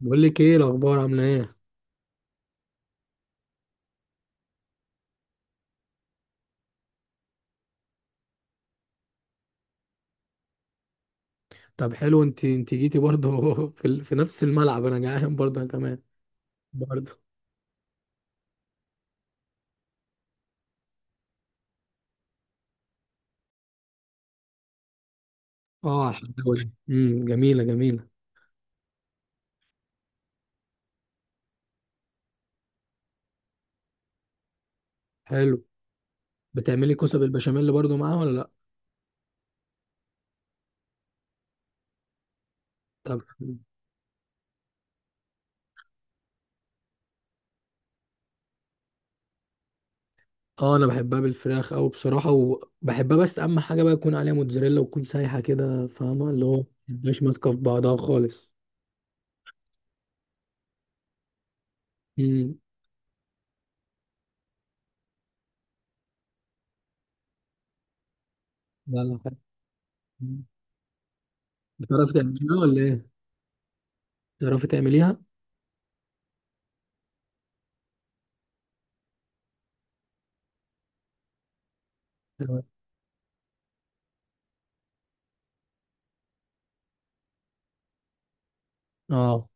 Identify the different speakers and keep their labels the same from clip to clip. Speaker 1: بقول لك ايه الاخبار عامله ايه؟ طب حلو، انت جيتي برضه في نفس الملعب. انا جعان برضه انا كمان برضه. اه، على الحداوه. جميله جميله. حلو. بتعملي كوسه بالبشاميل برضه معاها ولا لا؟ طب اه، انا بحبها بالفراخ او بصراحه وبحبها، بس اهم حاجه بقى يكون عليها موتزاريلا وتكون سايحه كده، فاهمه اللي هو مش ماسكه في بعضها خالص. امم. لا لا، حلو. مم. بتعرفي تعمليها ولا ايه؟ بتعرفي تعمليها؟ اه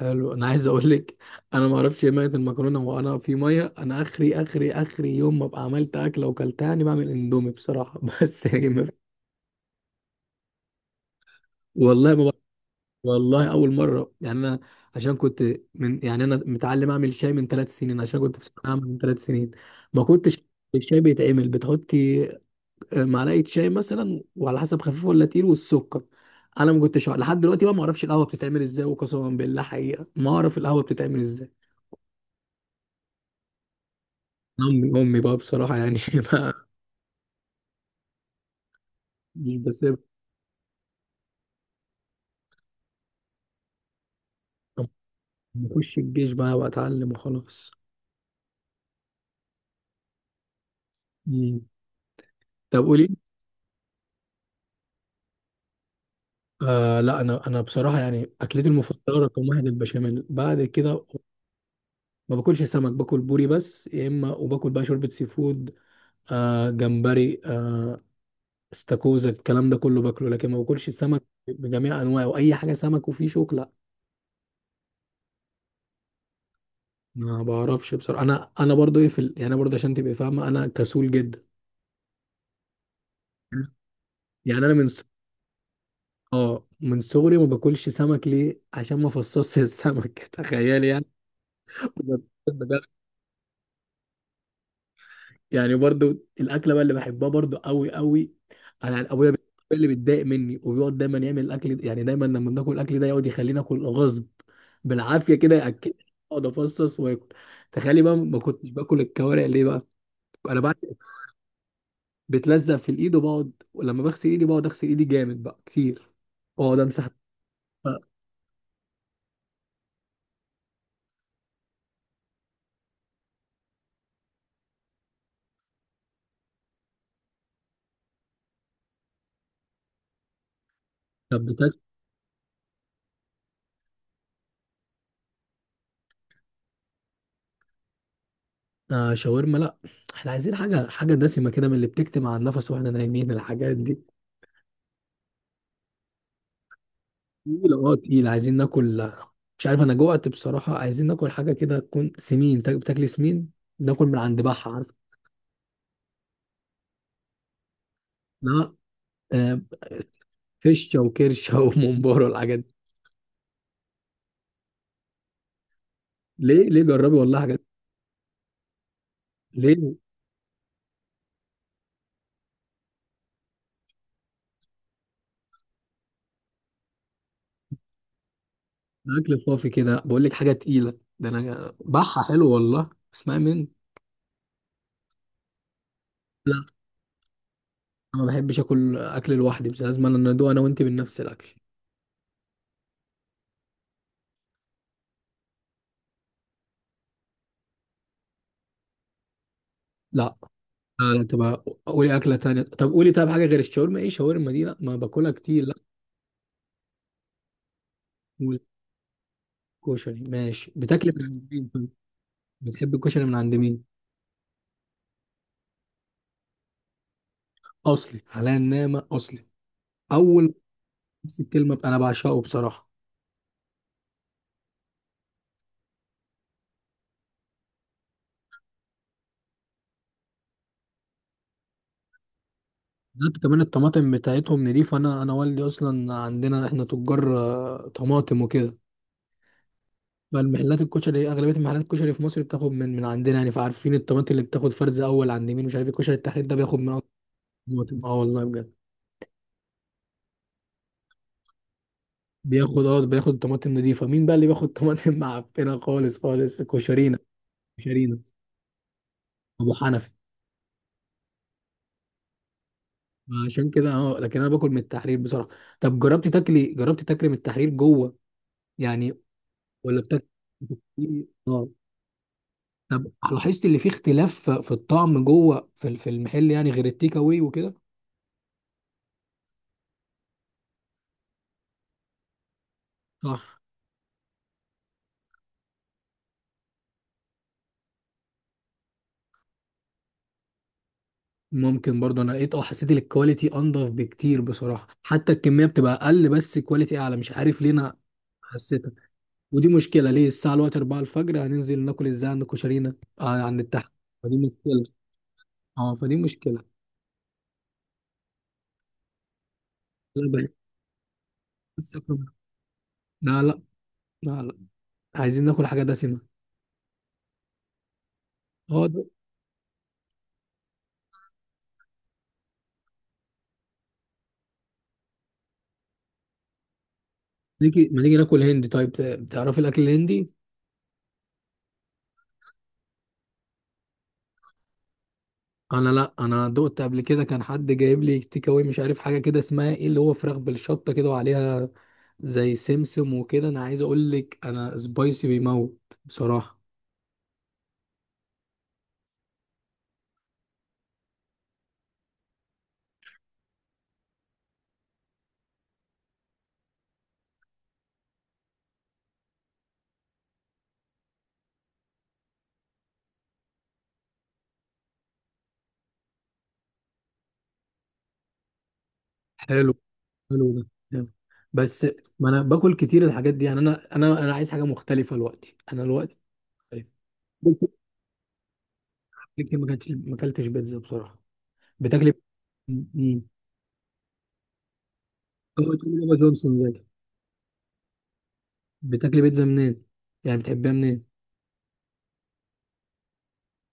Speaker 1: حلو. انا عايز اقول لك، انا ما اعرفش ايه ميه المكرونه، وانا في ميه. انا اخري يوم ما ابقى عملت اكله وكلتها، يعني بعمل اندومي بصراحه بس يعني ما في- والله ما بعرف- والله اول مره، يعني انا عشان كنت، من يعني انا متعلم اعمل شاي من ثلاث سنين، عشان كنت في ثانويه عامه من ثلاث سنين. ما كنتش الشاي بيتعمل بتحطي معلقه شاي مثلا، وعلى حسب خفيف ولا تقيل والسكر. انا ما كنتش أعرف- لحد دلوقتي بقى ما اعرفش القهوه بتتعمل ازاي، وقسما بالله حقيقه ما اعرف القهوه بتتعمل ازاي. امي بقى بصراحه، يعني ما. مش بسيب. بخش الجيش بقى واتعلم وخلاص. مم. طب قولي. آه لا، انا بصراحه يعني اكلتي المفضله رقم واحد البشاميل. بعد كده ما باكلش سمك، باكل بوري بس يا اما، وباكل بقى شوربه سي فود، آه جمبري، آه استاكوزا، الكلام ده كله باكله، لكن ما باكلش سمك بجميع انواعه، واي حاجه سمك وفيه شوك لا. ما بعرفش بصراحه. انا انا برضو ايه في ال... يعني انا برضو عشان تبقى فاهمه، انا كسول جدا. يعني انا من صغري ما باكلش سمك. ليه؟ عشان ما فصصش السمك تخيل يعني. بجد. يعني برضو الاكله بقى اللي بحبها برضو قوي قوي. انا ابويا بي- اللي بيتضايق مني وبيقعد دايما يعمل الاكل، يعني دايما لما بناكل الاكل ده يقعد يخلينا اكل غصب، بالعافيه كده ياكل، اقعد افصص واكل. تخيلي بقى ما كنتش باكل الكوارع. ليه بقى؟ انا بعد بتلزق في الايد، وبقعد ولما بغسل ايدي بقعد اغسل ايدي جامد بقى كتير، واقعد امسح بقى. طب. آه شاورما لا. احنا عايزين حاجة حاجة دسمة كده، من اللي بتكتم على النفس واحنا نايمين الحاجات دي. تقيلة، اه تقيلة، عايزين ناكل. مش عارف انا جوعت بصراحة، عايزين ناكل حاجة كده تكون سمين، بتاكل سمين. ناكل من عند بحة، عارف؟ لا آه، فشة وكرشة وممبار والحاجات دي. ليه ليه؟ جربي والله حاجات. ليه ده؟ اكل فافي كده، بقول لك حاجة تقيلة. ده انا بحة حلو والله، اسمعي من. لا انا ما بحبش اكل اكل لوحدي، بس لازم انا ندوق انا وانت من نفس الاكل. لا لا لا، تبقى قولي أكلة تانية. طب قولي، طب حاجة غير الشاورما. إيه شاورما دي، لا ما باكلها كتير لا. والكشري ماشي، بتاكلي من عند مين طيب؟ بتحب الكشري من عند مين؟ أصلي على النعمة، أصلي أول. بس الكلمة بقى، أنا بعشقه بصراحة. ده كمان الطماطم بتاعتهم نضيفة. أنا أنا والدي أصلا عندنا، إحنا تجار طماطم وكده. فالمحلات الكشري، أغلبية محلات الكشري في مصر بتاخد من عندنا، يعني فعارفين الطماطم اللي بتاخد فرز أول عند مين. مش عارف الكشري التحرير ده بياخد من أكتر الطماطم. أه والله بجد. بياخد اه، بياخد طماطم نضيفه. مين بقى اللي بياخد طماطم معفنه خالص؟ خالص كشرينا، كشرينا ابو حنفي. عشان كده اه، لكن انا باكل من التحرير بصراحه. طب جربتي تاكلي، جربتي تاكلي من التحرير جوه يعني، ولا بتاكلي؟ اه طب لاحظت اللي فيه اختلاف في الطعم جوه في المحل يعني، غير التيك اواي وكده؟ صح. ممكن برضه، انا لقيت اه، حسيت إن الكواليتي انضف بكتير بصراحه، حتى الكميه بتبقى اقل بس كواليتي اعلى، مش عارف ليه، انا حسيت. ودي مشكلة، ليه الساعة دلوقتي 4 الفجر، هننزل ناكل ازاي عند كشرينا؟ آه عند التحت، فدي مشكلة. اه فدي مشكلة. لا بقى، بس آكل- لا لا، لا لا، عايزين ناكل حاجة دسمة. اه ده- نيجي ما نيجي ناكل هندي طيب؟ تعرفي الأكل الهندي؟ أنا لا، أنا دقت قبل كده، كان حد جايب لي تيك أواي، مش عارف حاجة كده اسمها ايه، اللي هو فراخ بالشطة كده وعليها زي سمسم وكده. أنا عايز أقول لك، أنا سبايسي بيموت بصراحة. حلو حلو ده، جامد. بس ما انا باكل كتير الحاجات دي. يعني انا عايز حاجه مختلفه دلوقتي. انا دلوقتي بيتزا. كتير ما كانتش، ما اكلتش بيتزا بصراحه. بتاكلي؟ امم. هو تقول بابا جونسون زي. بتاكلي بيتزا منين؟ يعني بتحبها منين؟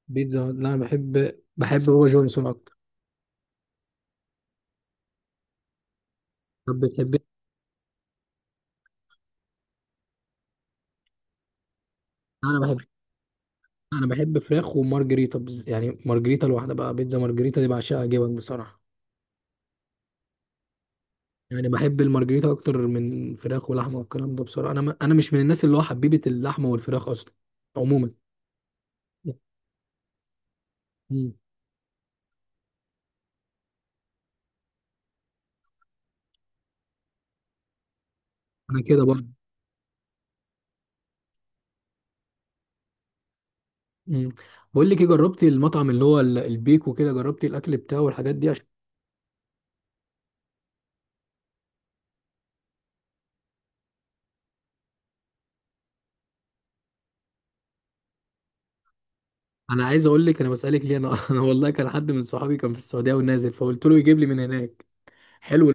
Speaker 1: بيتزا هات. لا انا بحب بابا جونسون اكتر. طب بتحبي. انا بحب انا بحب فراخ ومارجريتا، يعني مارجريتا لوحدها بقى، بيتزا مارجريتا دي بعشقها، جبن بصراحه. يعني بحب المارجريتا اكتر من فراخ ولحمه والكلام ده بصراحه، انا ما انا مش من الناس اللي هو حبيبه اللحمه والفراخ اصلا عموما. مم. انا كده برضه. مم. بقول لك ايه، جربتي المطعم اللي هو البيك وكده، جربتي الاكل بتاعه والحاجات دي عشان؟ انا عايز اقول لك، انا بسالك ليه انا انا والله كان حد من صحابي كان في السعوديه ونازل، فقلت له يجيب لي من هناك. حلو.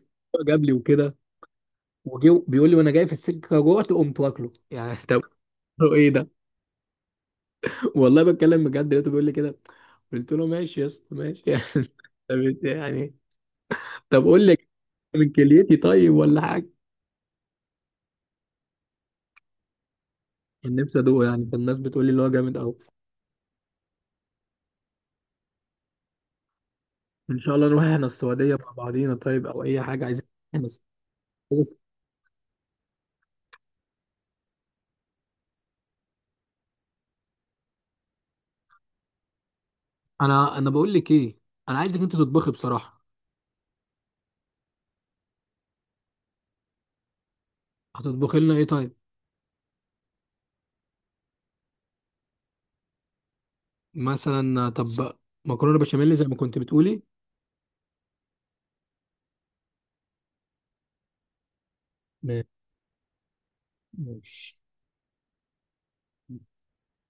Speaker 1: جاب لي وكده، وجي بيقول لي وانا جاي في السكه جوعت قمت واكله. يعني طب ايه ده؟ والله بتكلم بجد، لقيته بيقول لي كده. قلت له ماشي يا اسطى، ماشي يعني. طب إنت يعني، طب قول لي، من كليتي طيب ولا حاجه؟ كان نفسي ادوقه يعني، كان الناس بتقول لي اللي هو جامد قوي. ان شاء الله نروح احنا السعوديه مع بعضينا طيب، او اي حاجه عايزين. احنا الس- عايز- انا بقول لك ايه، انا عايزك انت تطبخي بصراحه. هتطبخي لنا ايه طيب؟ مثلا طب، مكرونه بشاميل زي ما كنت بتقولي. ما- ماشي.